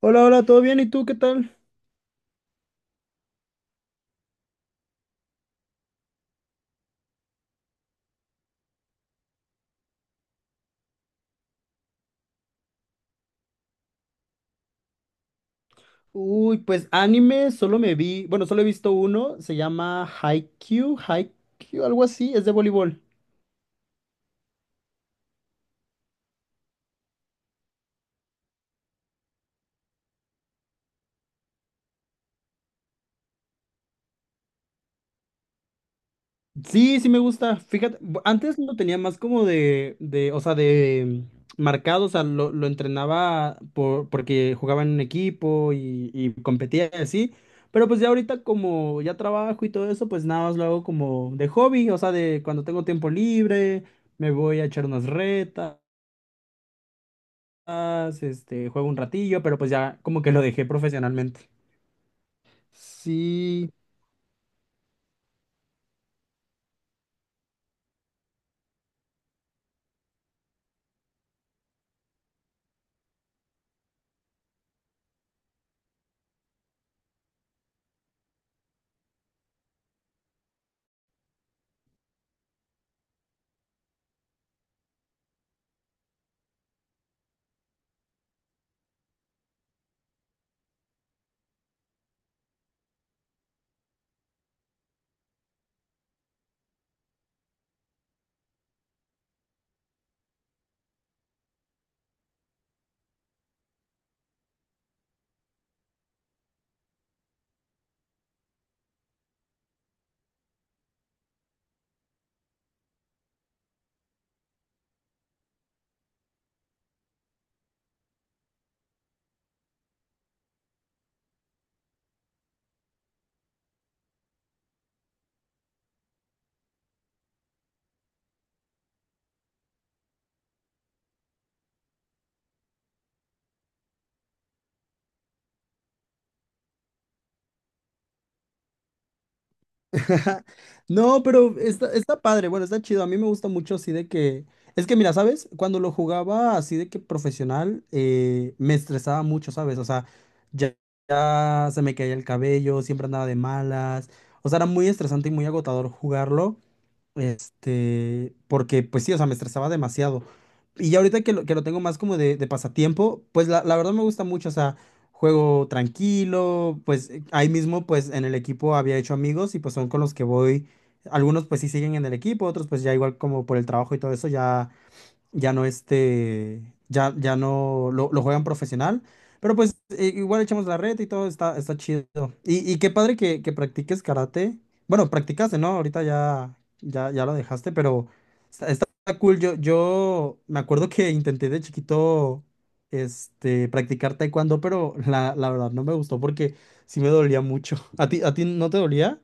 Hola, hola, ¿todo bien? ¿Y tú qué tal? Uy, pues anime, solo me vi, bueno, solo he visto uno, se llama Haikyuu, Haikyuu, algo así, es de voleibol. Sí, sí me gusta, fíjate, antes lo tenía más como o sea, de marcado, o sea, lo entrenaba porque jugaba en un equipo y competía y así, pero pues ya ahorita como ya trabajo y todo eso, pues nada más lo hago como de hobby, o sea, de cuando tengo tiempo libre, me voy a echar unas retas. Más, este, juego un ratillo, pero pues ya como que lo dejé profesionalmente. Sí. No, pero está padre, bueno, está chido. A mí me gusta mucho así de que... Es que mira, ¿sabes? Cuando lo jugaba así de que profesional, me estresaba mucho, ¿sabes? O sea, ya, ya se me caía el cabello, siempre andaba de malas. O sea, era muy estresante y muy agotador jugarlo. Este, porque pues sí, o sea, me estresaba demasiado. Y ya ahorita que lo tengo más como de pasatiempo, pues la verdad me gusta mucho, o sea, juego tranquilo, pues ahí mismo pues en el equipo había hecho amigos y pues son con los que voy, algunos pues sí siguen en el equipo, otros pues ya igual como por el trabajo y todo eso ya ya no lo juegan profesional, pero pues igual echamos la red y todo está chido. Y qué padre que practiques karate. Bueno, practicaste, ¿no? Ahorita ya lo dejaste, pero está cool. Yo me acuerdo que intenté de chiquito este, practicar taekwondo, pero la verdad no me gustó porque sí me dolía mucho. ¿ A ti no te dolía?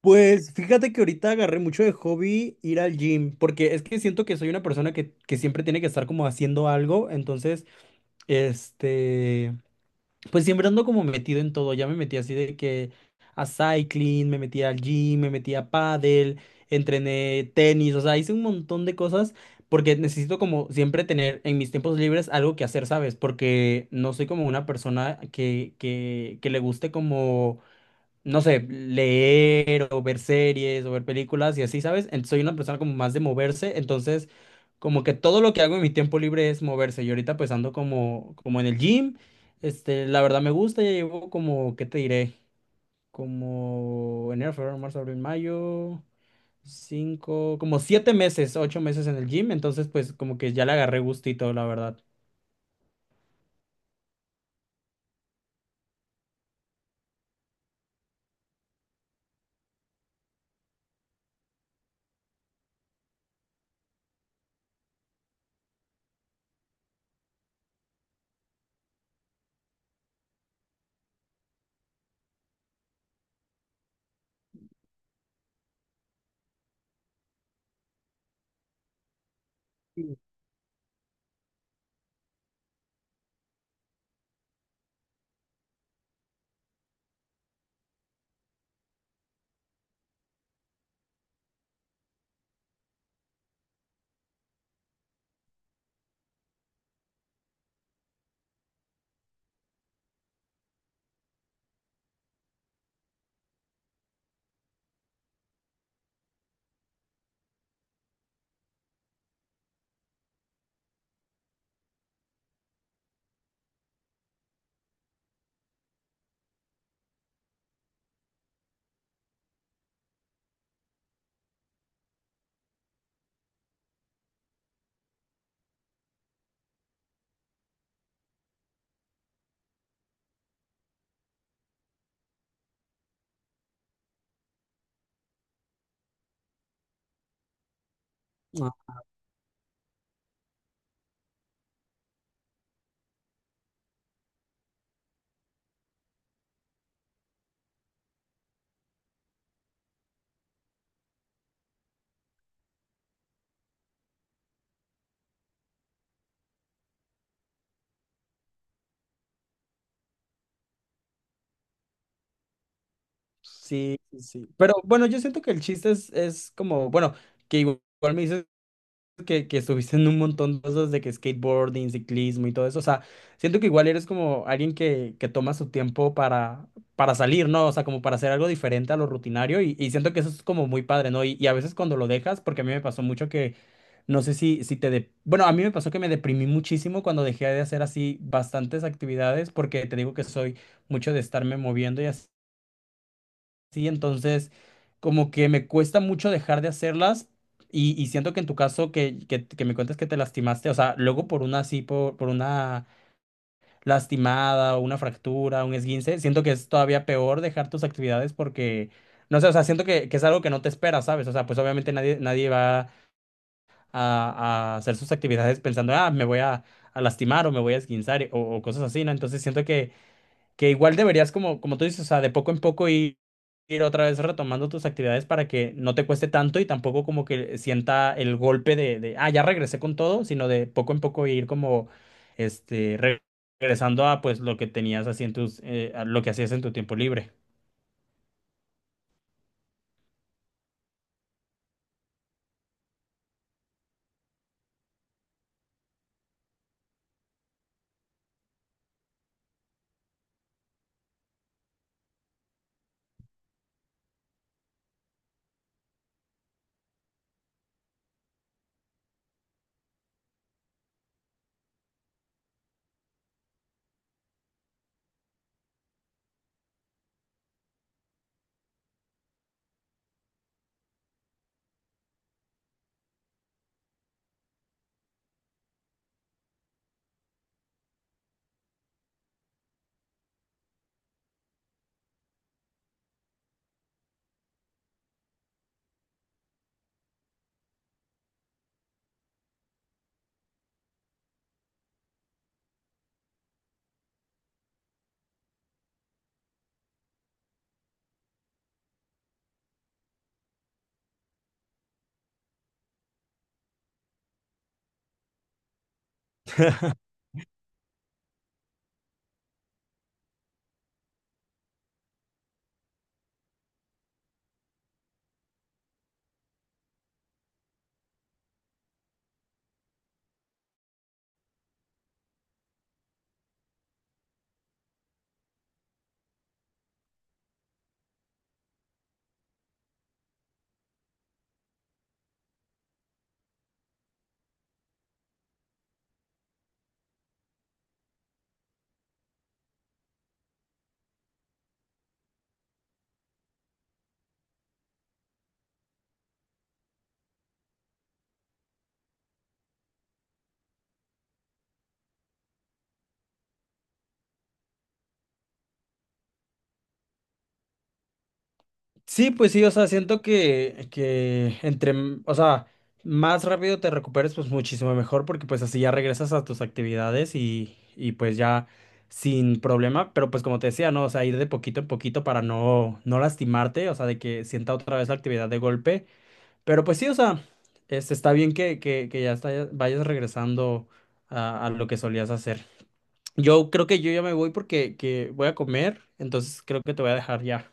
Pues fíjate que ahorita agarré mucho de hobby ir al gym, porque es que siento que soy una persona que siempre tiene que estar como haciendo algo, entonces, este, pues siempre ando como metido en todo, ya me metí así de que a cycling, me metí al gym, me metí a pádel, entrené tenis, o sea, hice un montón de cosas porque necesito como siempre tener en mis tiempos libres algo que hacer, ¿sabes? Porque no soy como una persona que le guste como no sé, leer o ver series o ver películas y así, ¿sabes? Soy una persona como más de moverse, entonces como que todo lo que hago en mi tiempo libre es moverse. Y ahorita pues ando como, como en el gym, este, la verdad me gusta, ya llevo como, ¿qué te diré? Como enero, febrero, marzo, abril, mayo, cinco, como siete meses, ocho meses en el gym, entonces pues como que ya le agarré gustito, la verdad. Sí. Ah. Sí, sí, sí. Pero bueno, yo siento que el chiste es como, bueno, que igual me dices que estuviste en un montón de cosas de que skateboarding, ciclismo y todo eso. O sea, siento que igual eres como alguien que toma su tiempo para salir, ¿no? O sea, como para hacer algo diferente a lo rutinario y siento que eso es como muy padre, ¿no? Y a veces cuando lo dejas, porque a mí me pasó mucho que, no sé si te... Bueno, a mí me pasó que me deprimí muchísimo cuando dejé de hacer así bastantes actividades porque te digo que soy mucho de estarme moviendo y así. Sí, entonces como que me cuesta mucho dejar de hacerlas y siento que en tu caso que me cuentas que te lastimaste, o sea, luego por una así, por una lastimada o una fractura, un esguince, siento que es todavía peor dejar tus actividades porque, no sé, o sea, siento que es algo que no te espera, ¿sabes? O sea, pues obviamente nadie, nadie va a hacer sus actividades pensando, ah, me voy a lastimar o me voy a esguinzar o cosas así, ¿no? Entonces siento que igual deberías, como, como tú dices, o sea, de poco en poco ir otra vez retomando tus actividades para que no te cueste tanto y tampoco como que sienta el golpe ah, ya regresé con todo, sino de poco en poco ir como, este, regresando a pues lo que tenías así en tus, a lo que hacías en tu tiempo libre. Sí, pues sí, o sea, siento que entre, o sea, más rápido te recuperes, pues muchísimo mejor, porque pues así ya regresas a tus actividades y pues ya sin problema, pero pues como te decía, ¿no? O sea, ir de poquito en poquito para no, no lastimarte, o sea, de que sienta otra vez la actividad de golpe, pero pues sí, o sea, este, está bien que ya vayas regresando a lo que solías hacer. Yo creo que yo ya me voy porque que voy a comer, entonces creo que te voy a dejar ya.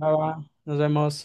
Va, va. Nos vemos.